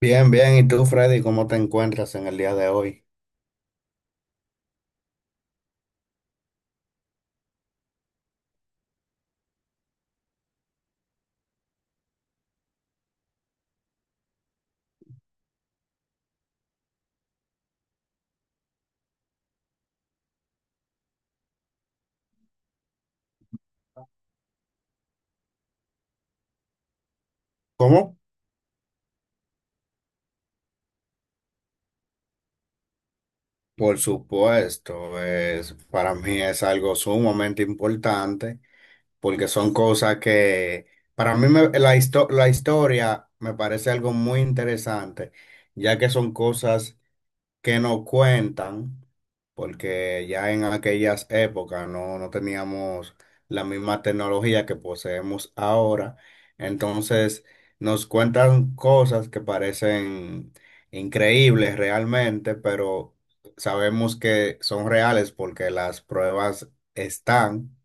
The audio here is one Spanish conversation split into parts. Bien, bien. ¿Y tú, Freddy, cómo te encuentras en el día de hoy? ¿Cómo? Por supuesto, para mí es algo sumamente importante porque son cosas que, para mí la historia me parece algo muy interesante, ya que son cosas que no cuentan, porque ya en aquellas épocas no, no teníamos la misma tecnología que poseemos ahora. Entonces nos cuentan cosas que parecen increíbles realmente, pero sabemos que son reales porque las pruebas están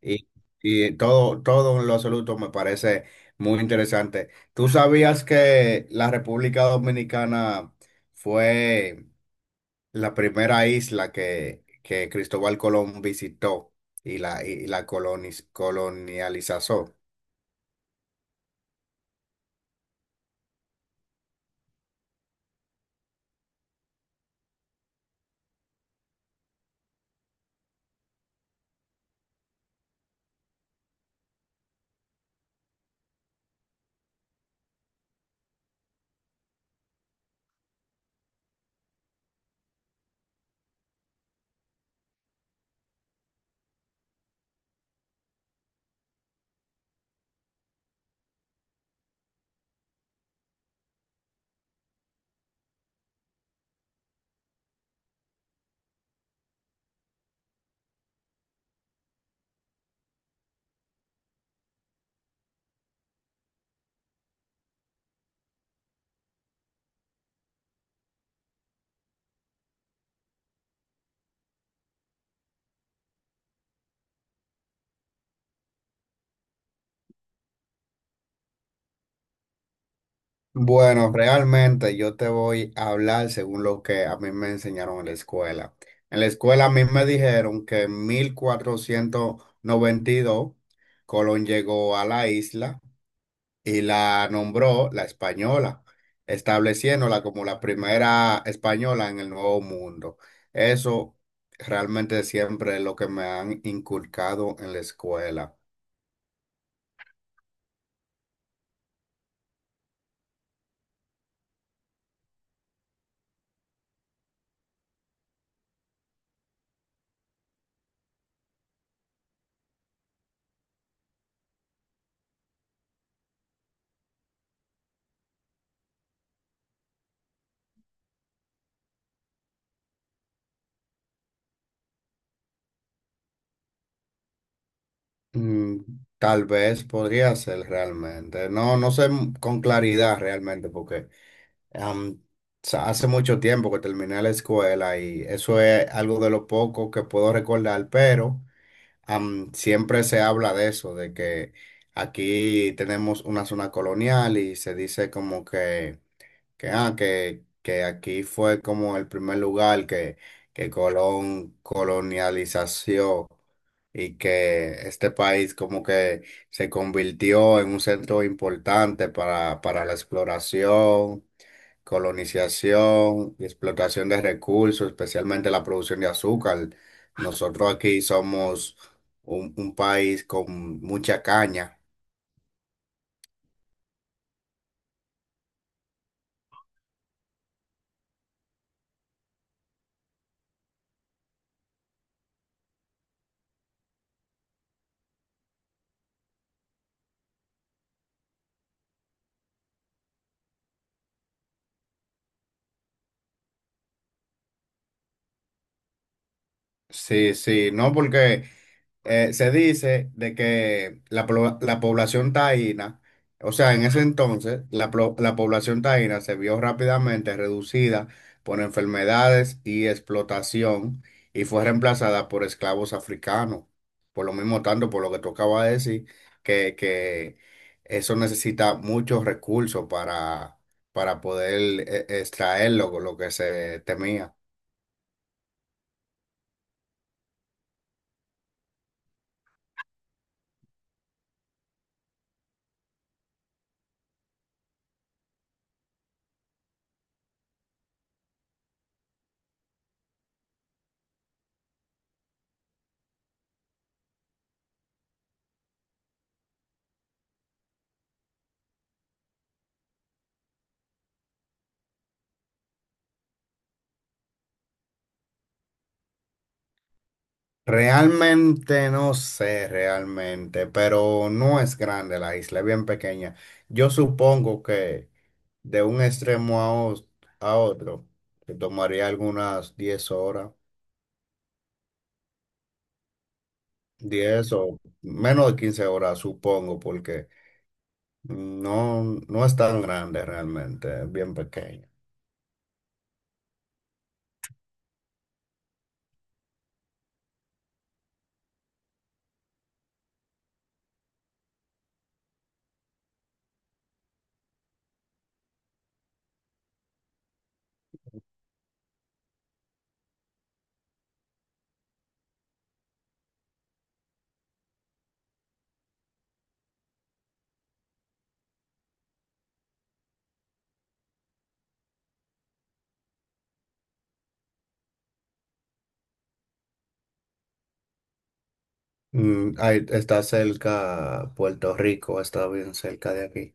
y, y todo en lo absoluto me parece muy interesante. ¿Tú sabías que la República Dominicana fue la primera isla que Cristóbal Colón visitó y la colonializó? Bueno, realmente yo te voy a hablar según lo que a mí me enseñaron en la escuela. En la escuela a mí me dijeron que en 1492 Colón llegó a la isla y la nombró la Española, estableciéndola como la primera española en el Nuevo Mundo. Eso realmente siempre es lo que me han inculcado en la escuela. Mm, Tal vez podría ser realmente. No, no sé con claridad realmente porque am, hace mucho tiempo que terminé la escuela y eso es algo de lo poco que puedo recordar, pero siempre se habla de eso, de que aquí tenemos una zona colonial y se dice como que aquí fue como el primer lugar que Colón colonialización y que este país como que se convirtió en un centro importante para la exploración, colonización y explotación de recursos, especialmente la producción de azúcar. Nosotros aquí somos un país con mucha caña. Sí, sí, no porque... se dice de que la población taína, o sea, en ese entonces, la población taína se vio rápidamente reducida por enfermedades y explotación y fue reemplazada por esclavos africanos. Por lo mismo tanto, por lo que tocaba decir, que eso necesita muchos recursos para, poder extraer lo que se temía. Realmente no sé, realmente, pero no es grande la isla, es bien pequeña. Yo supongo que de un extremo a otro, que tomaría algunas 10 horas, 10 o menos de 15 horas, supongo, porque no, no es tan grande realmente, es bien pequeña. Ahí está cerca Puerto Rico, está bien cerca de aquí.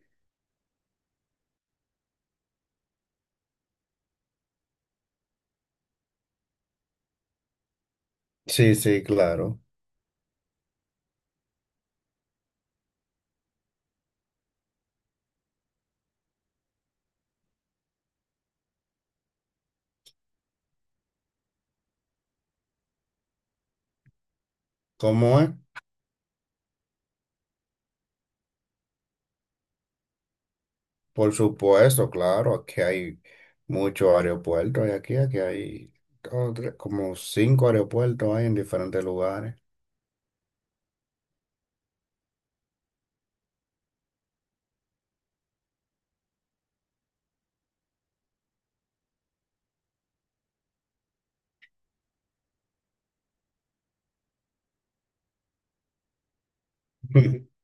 Sí, sí, claro. ¿Cómo es? Por supuesto, claro, aquí hay muchos aeropuertos y aquí hay dos, tres, como cinco aeropuertos hay en diferentes lugares.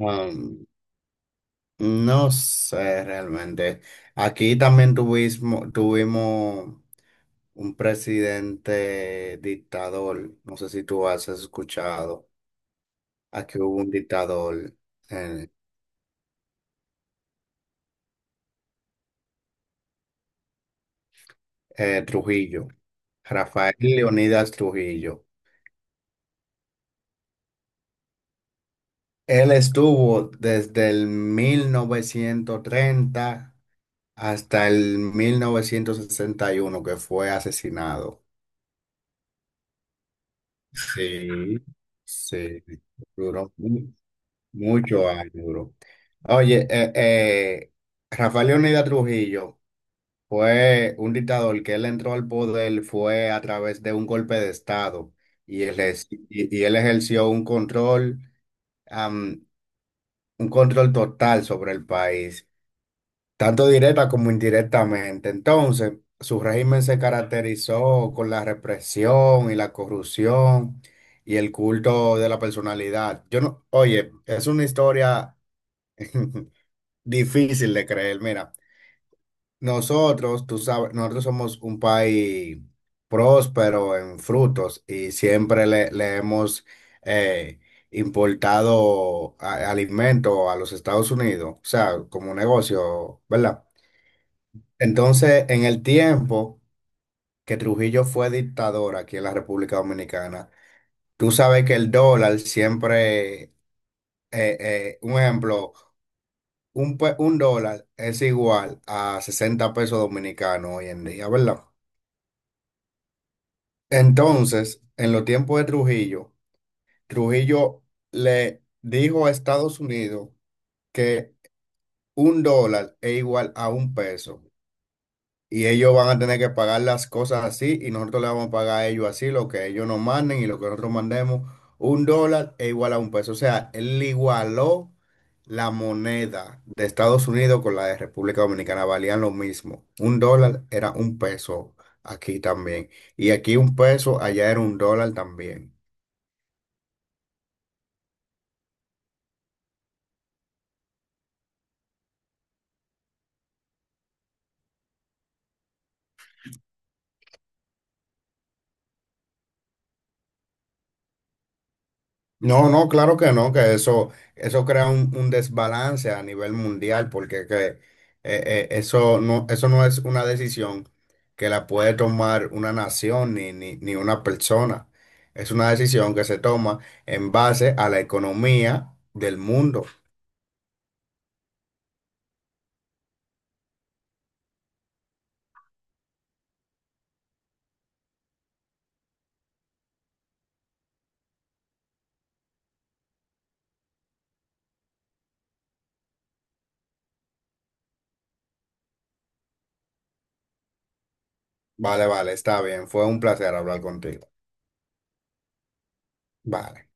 Um, no sé realmente. Aquí también tuvimos un presidente dictador. No sé si tú has escuchado. Aquí hubo un dictador, eh, Trujillo, Rafael Leonidas Trujillo. Él estuvo desde el 1930 hasta el 1961, que fue asesinado. Sí, sí, duró mu- mucho años duró. Oye, Rafael Leónidas Trujillo fue un dictador que él entró al poder fue a través de un golpe de Estado y él ejerció un control, am, un control total sobre el país, tanto directa como indirectamente. Entonces, su régimen se caracterizó con la represión y la corrupción y el culto de la personalidad. Yo no, oye, es una historia difícil de creer. Mira, nosotros, tú sabes, nosotros somos un país próspero en frutos y siempre le hemos eh, importado alimentos a los Estados Unidos, o sea, como un negocio, ¿verdad? Entonces, en el tiempo que Trujillo fue dictador aquí en la República Dominicana, tú sabes que el dólar siempre, un ejemplo, un dólar es igual a 60 pesos dominicanos hoy en día, ¿verdad? Entonces, en los tiempos de Trujillo, Trujillo le dijo a Estados Unidos que un dólar es igual a un peso. Y ellos van a tener que pagar las cosas así y nosotros le vamos a pagar a ellos así, lo que ellos nos manden y lo que nosotros mandemos, un dólar es igual a un peso. O sea, él igualó la moneda de Estados Unidos con la de República Dominicana, valían lo mismo. Un dólar era un peso aquí también. Y aquí un peso, allá era un dólar también. No, no, claro que no, que eso crea un desbalance a nivel mundial, porque que, eso no es una decisión que la puede tomar una nación ni una persona. Es una decisión que se toma en base a la economía del mundo. Vale, vale, está bien. Fue un placer hablar contigo. Vale.